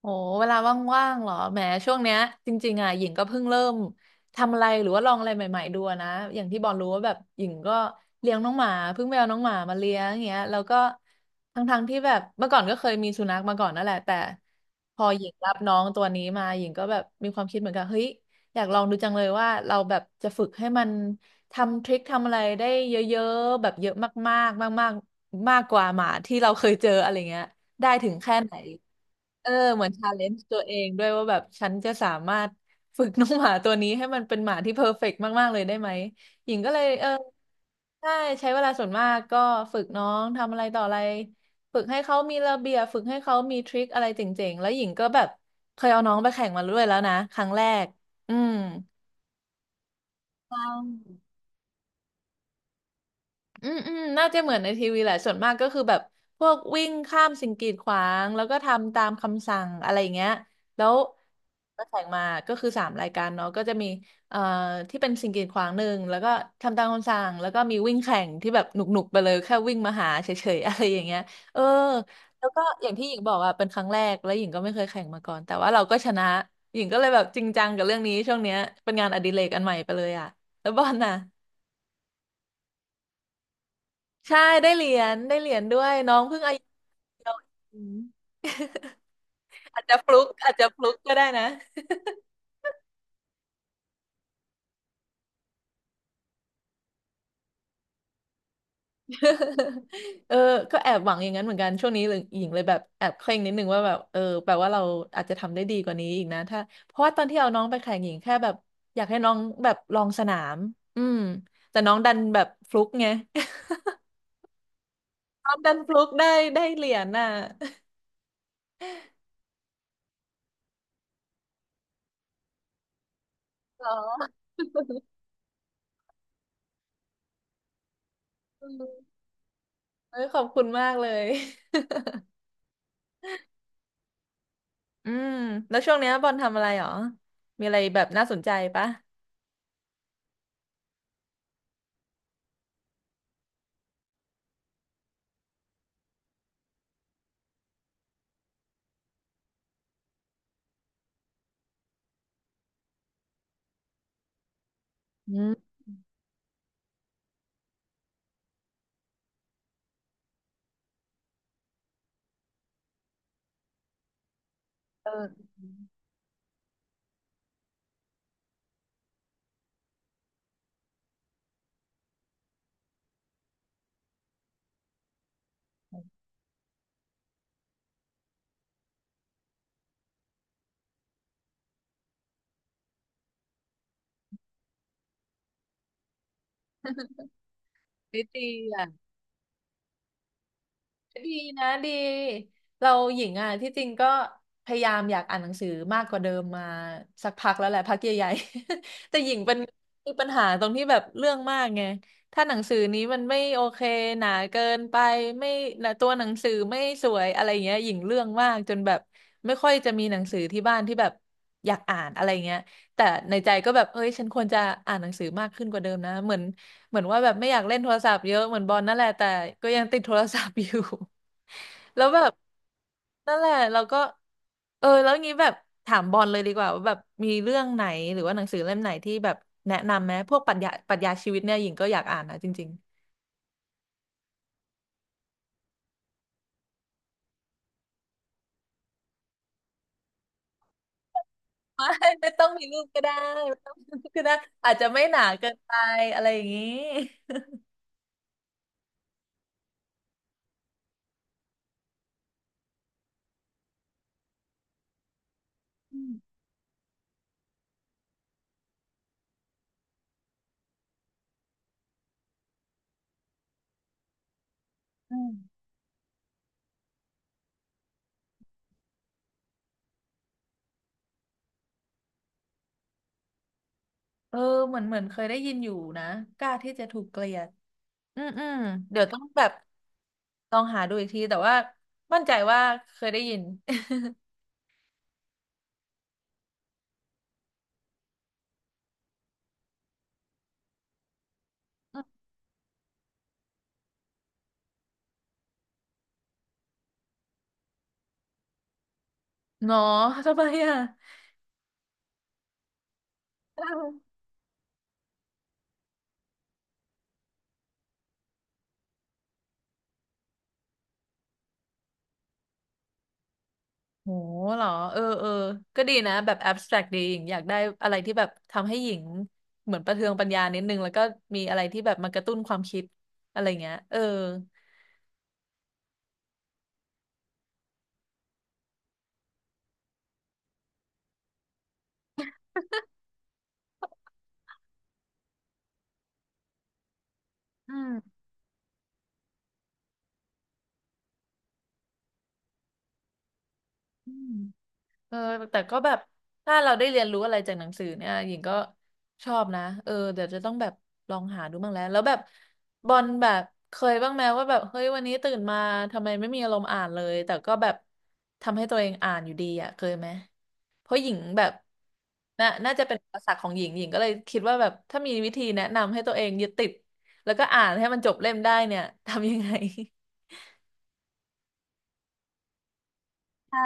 โอ้เวลาว่างๆเหรอแหมช่วงเนี้ยจริงๆอ่ะหญิงก็เพิ่งเริ่มทำอะไรหรือว่าลองอะไรใหม่ๆดูอะนะอย่างที่บอลรู้ว่าแบบหญิงก็เลี้ยงน้องหมาเพิ่งไปเอาน้องหมามาเลี้ยงอย่างเงี้ยแล้วก็ทั้งๆที่แบบเมื่อก่อนก็เคยมีสุนัขมาก่อนนั่นแหละแต่พอหญิงรับน้องตัวนี้มาหญิงก็แบบมีความคิดเหมือนกันเฮ้ยอยากลองดูจังเลยว่าเราแบบจะฝึกให้มันทำทริคทำอะไรได้เยอะๆแบบเยอะมากๆมากๆมากกว่าหมาที่เราเคยเจออะไรเงี้ย ได้ถึงแค่ไหนเออเหมือนชาเลนจ์ตัวเองด้วยว่าแบบฉันจะสามารถฝึกน้องหมาตัวนี้ให้มันเป็นหมาที่เพอร์เฟกต์มาก ๆ เลยได้ไหมหญิงก็เลยเออใช่ใช้เวลาส่วนมากก็ฝึกน้องทำอะไรต่ออะไรฝึกให้เขามีระเบียบฝึกให้เขามีทริคอะไรเจ๋งๆ แล้วหญิงก็แบบเคยเอาน้องไปแข่งมาด้วยแล้วนะครั้งแรกอืมใช่ อืมอืมน่าจะเหมือนในทีวีแหละส่วนมากก็คือแบบพวกวิ่งข้ามสิ่งกีดขวางแล้วก็ทำตามคำสั่งอะไรอย่างเงี้ยแล้วก็แข่งมาก็คือสามรายการเนาะก็จะมีเอ่อที่เป็นสิ่งกีดขวางหนึ่งแล้วก็ทำตามคำสั่งแล้วก็มีวิ่งแข่งที่แบบหนุกๆไปเลยแค่วิ่งมาหาเฉยๆ อะไรอย่างเงี้ยเออแล้วก็อย่างที่หญิงบอกอะเป็นครั้งแรกแล้วหญิงก็ไม่เคยแข่งมาก่อนแต่ว่าเราก็ชนะหญิงก็เลยแบบจริงจังกับเรื่องนี้ช่วงเนี้ยเป็นงานอดิเรกอันใหม่ไปเลยอะแล้วบอลน่ะ ใช่ได้เหรียญได้เหรียญด้วยน้องเพิ่งอายุเดียวอืมอาจจะฟลุกก็ได้นะ เออก็แอบหวังอย่างนั้นเหมือนกันช่วงนี้หญิงเลยแบบแอบเคร่งนิดนึงว่าแบบเออแปลว่าเราอาจจะทำได้ดีกว่านี้อีกนะถ้าเพราะว่าตอนที่เอาน้องไปแข่งหญิงแค่แบบอยากให้น้องแบบลองสนามอืมแต่น้องดันแบบฟลุกไง น้องดันฟลุกได้ได้เหรียญน่ะเหรออืม เออขอบคุณมากเลย อืมแล้วช่วงเนี้ยบอลทำอะไรหรอมีอะไรแบบน่าสนใจปะอืมเออได้ดีอ่ะ ดีนะดีเราหญิงอ่ะที่จริงก็พยายามอยากอ่านหนังสือมากกว่าเดิมมาสักพักแล้วแหละพักใหญ่ๆ แต่หญิงเป็นมีปัญหาตรงที่แบบเรื่องมากไงถ้าหนังสือนี้มันไม่โอเคหนาเกินไปไม่นะตัวหนังสือไม่สวยอะไรอย่างเงี้ยหญิงเรื่องมากจนแบบไม่ค่อยจะมีหนังสือที่บ้านที่แบบอยากอ่านอะไรเงี้ยแต่ในใจก็แบบเอ้ยฉันควรจะอ่านหนังสือมากขึ้นกว่าเดิมนะเหมือน เหมือนว่าแบบไม่อยากเล่นโทรศัพท์เยอะเหมือนบอลนั่นแหละแต่ก็ยังติดโทรศัพท์อยู่ แล้วแบบนั่นแหละเราก็เออแล้วงี้แบบถามบอลเลยดีกว่าว่าแบบมีเรื่องไหนหรือว่าหนังสือเล่มไหนที่แบบแนะนำไหมพวกปรัชญาชีวิตเนี่ยหญิงก็อยากอ่านนะจริงๆ ไม่ไม่ต้องมีรูปก็ได้ไม่ต้องมีรูปก็ได้ อาจจะไม่หนาเกินไปอะไรอย่างนี้ อืมอืมเออเหมือนเหมือนเคยได้ยินอยู่นะกล้าที่จะถูกเกลียดอืมอืมเดี๋ยวต้องแบบ ลองหาดูอีกทีแต่ว่ามั่นใจว่าเคยได้ยิน เนาะทำไมอ่ะโหเหรอเออเออก็ดีนะแบบ abstract ดีหญิงอยากได้อะไรที่แบบทำให้หญิงเหมือนประเทืองปัญญานิดนึงแล้วก็มีอะไรที่แบบมากระตุ้นความคิดอะไรเงี้ยเอออืมอืม เออแต่ก็แบบถ้าเราได้เรียนรู้อะไรจากหนังสือเนี่ยหญิงก็ชอบนะเออเดี๋ยวจะต้องแบบลองหาดูบ้างแล้วแล้วแบบบอลแบบเคยบ้างไหมว่าแบบเฮ้ยวันนี้ตื่นมาทำไมไม่มีอารมณ์อ่านเลยแต่ก็แบบทำให้ตัวเองอ่านอยู่ดีอ่ะเคยไหมเพราะหญิงแบบน่าจะเป็นอุปสรรคของหญิงหญิงก็เลยคิดว่าแบบถ้ามีวิธีแนะนำให้ตัวเองยึดติดแล้วก็อ่านให้มันจบเล่มได้เนี่ยทำยังไง ใช่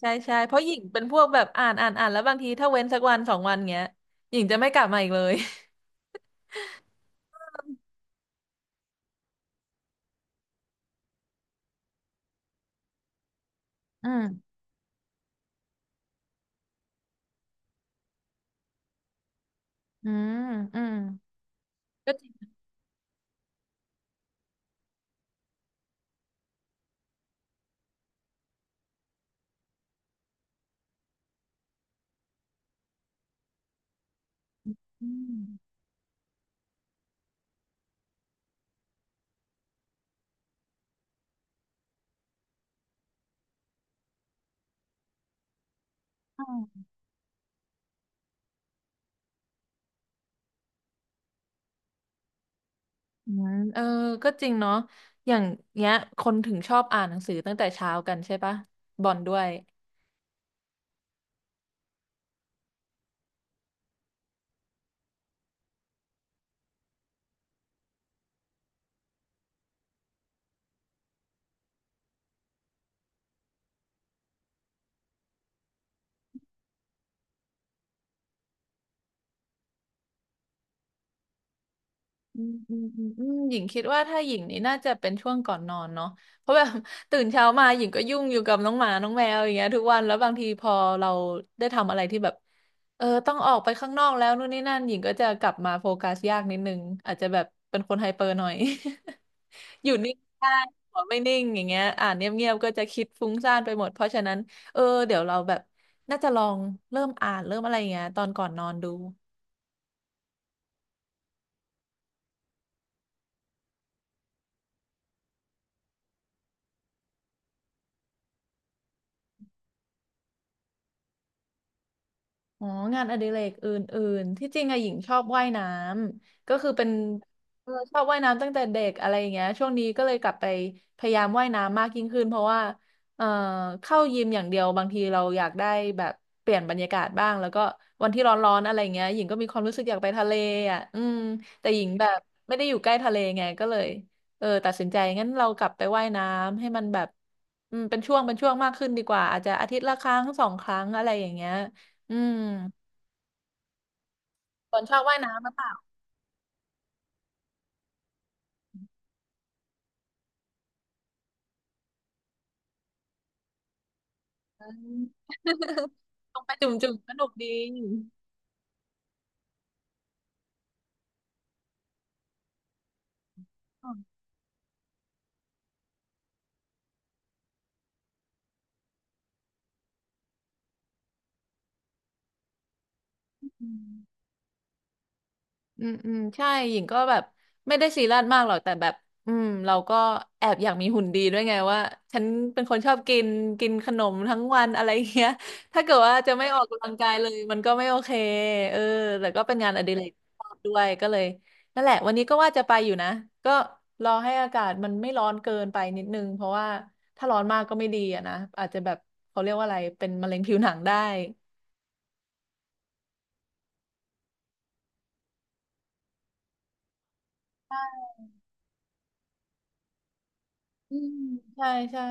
ใช่ใช่เพราะหญิงเป็นพวกแบบอ่านอ่านอ่านแล้วบางทีถ้าเว้นสักวันสองวันเงี้ยหญิงจะไม่กลับมาอีกเลยอืมอืมอืมก็จริงอืมอืมอืมเออก็จริงเนาะอย่างเงี้ยคนถึงชอบอ่านหนังสือตั้งแต่เช้ากันใช่ปะบอลด้วย อืมอืมอืมอืมหญิงคิดว่าถ้าหญิงนี่น่าจะเป็นช่วงก่อนนอนเนาะเพราะแบบ ตื่นเช้ามาหญิงก็ยุ่งอยู่กับน้องหมาน้องแมวอย่างเงี้ยทุกวันแล้วบางทีพอเราได้ทำอะไรที่แบบเออต้องออกไปข้างนอกแล้วนู่นนี่นั่นหญิงก็จะกลับมาโฟกัสยากนิดนึงอาจจะแบบเป็นคนไฮเปอร์หน่อย อยู่นิ่งไม่ได้หัวไม่นิ่งอย่างเงี้ยอ่านเงียบๆก็จะคิดฟุ้งซ่านไปหมดเพราะฉะนั้นเออเดี๋ยวเราแบบน่าจะลองเริ่มอ่านเริ่มอะไรอย่างเงี้ยตอนก่อนนอนดู อ๋องานอดิเรกอื่นๆที่จริงอะหญิงชอบว่ายน้ำก็คือเป็นเออชอบว่ายน้ำตั้งแต่เด็กอะไรอย่างเงี้ยช่วงนี้ก็เลยกลับไปพยายามว่ายน้ำมากยิ่งขึ้นเพราะว่าเอ่อเข้ายิมอย่างเดียวบางทีเราอยากได้แบบเปลี่ยนบรรยากาศบ้างแล้วก็วันที่ร้อนๆอะไรเงี้ยหญิงก็มีความรู้สึกอยากไปทะเลอ่ะอืมแต่หญิงแบบไม่ได้อยู่ใกล้ทะเลไงก็เลยเออตัดสินใจงั้นเรากลับไปว่ายน้ำให้มันแบบอืมเป็นช่วงมากขึ้นดีกว่าอาจจะอาทิตย์ละครั้งสองครั้งอะไรอย่างเงี้ย อืมฝนชอบว่ายน้ำหรือเปล่าเออ ลงไปจุ่มๆสนุกดีอืม อืมอืมใช่หญิงก็แบบไม่ได้ซีเรียสมากหรอกแต่แบบอืมเราก็แอบอยากมีหุ่นดีด้วยไงว่าฉันเป็นคนชอบกินกินขนมทั้งวันอะไรเงี้ย ถ้าเกิดว่าจะไม่ออกกำลังกายเลยมันก็ไม่โอเคเออแต่ก็เป็นงานอดิเรกที่ชอบด้วยก็เลยนั่นแหละวันนี้ก็ว่าจะไปอยู่นะก็รอให้อากาศมันไม่ร้อนเกินไปนิดนึงเพราะว่าถ้าร้อนมากก็ไม่ดีอะนะอาจจะแบบเขาเรียกว่าอะไรเป็นมะเร็งผิวหนังได้อืมใช่ใช่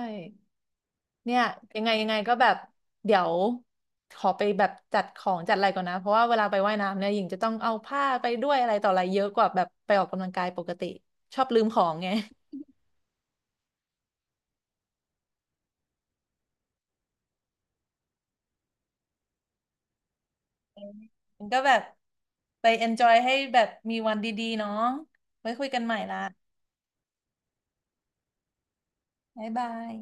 เนี่ยยังไงยังไงก็แบบเดี๋ยวขอไปแบบจัดของจัดอะไรก่อนนะเพราะว่าเวลาไปว่ายน้ำเนี่ยหญิงจะต้องเอาผ้าไปด้วยอะไรต่ออะไรเยอะกว่าแบบไปออกกำลังกายปกติชอบลืมของไง มันก็แบบไป enjoy ให้แบบมีวันดีๆเนาะไว้คุยกันใหม่ละบ๊ายบาย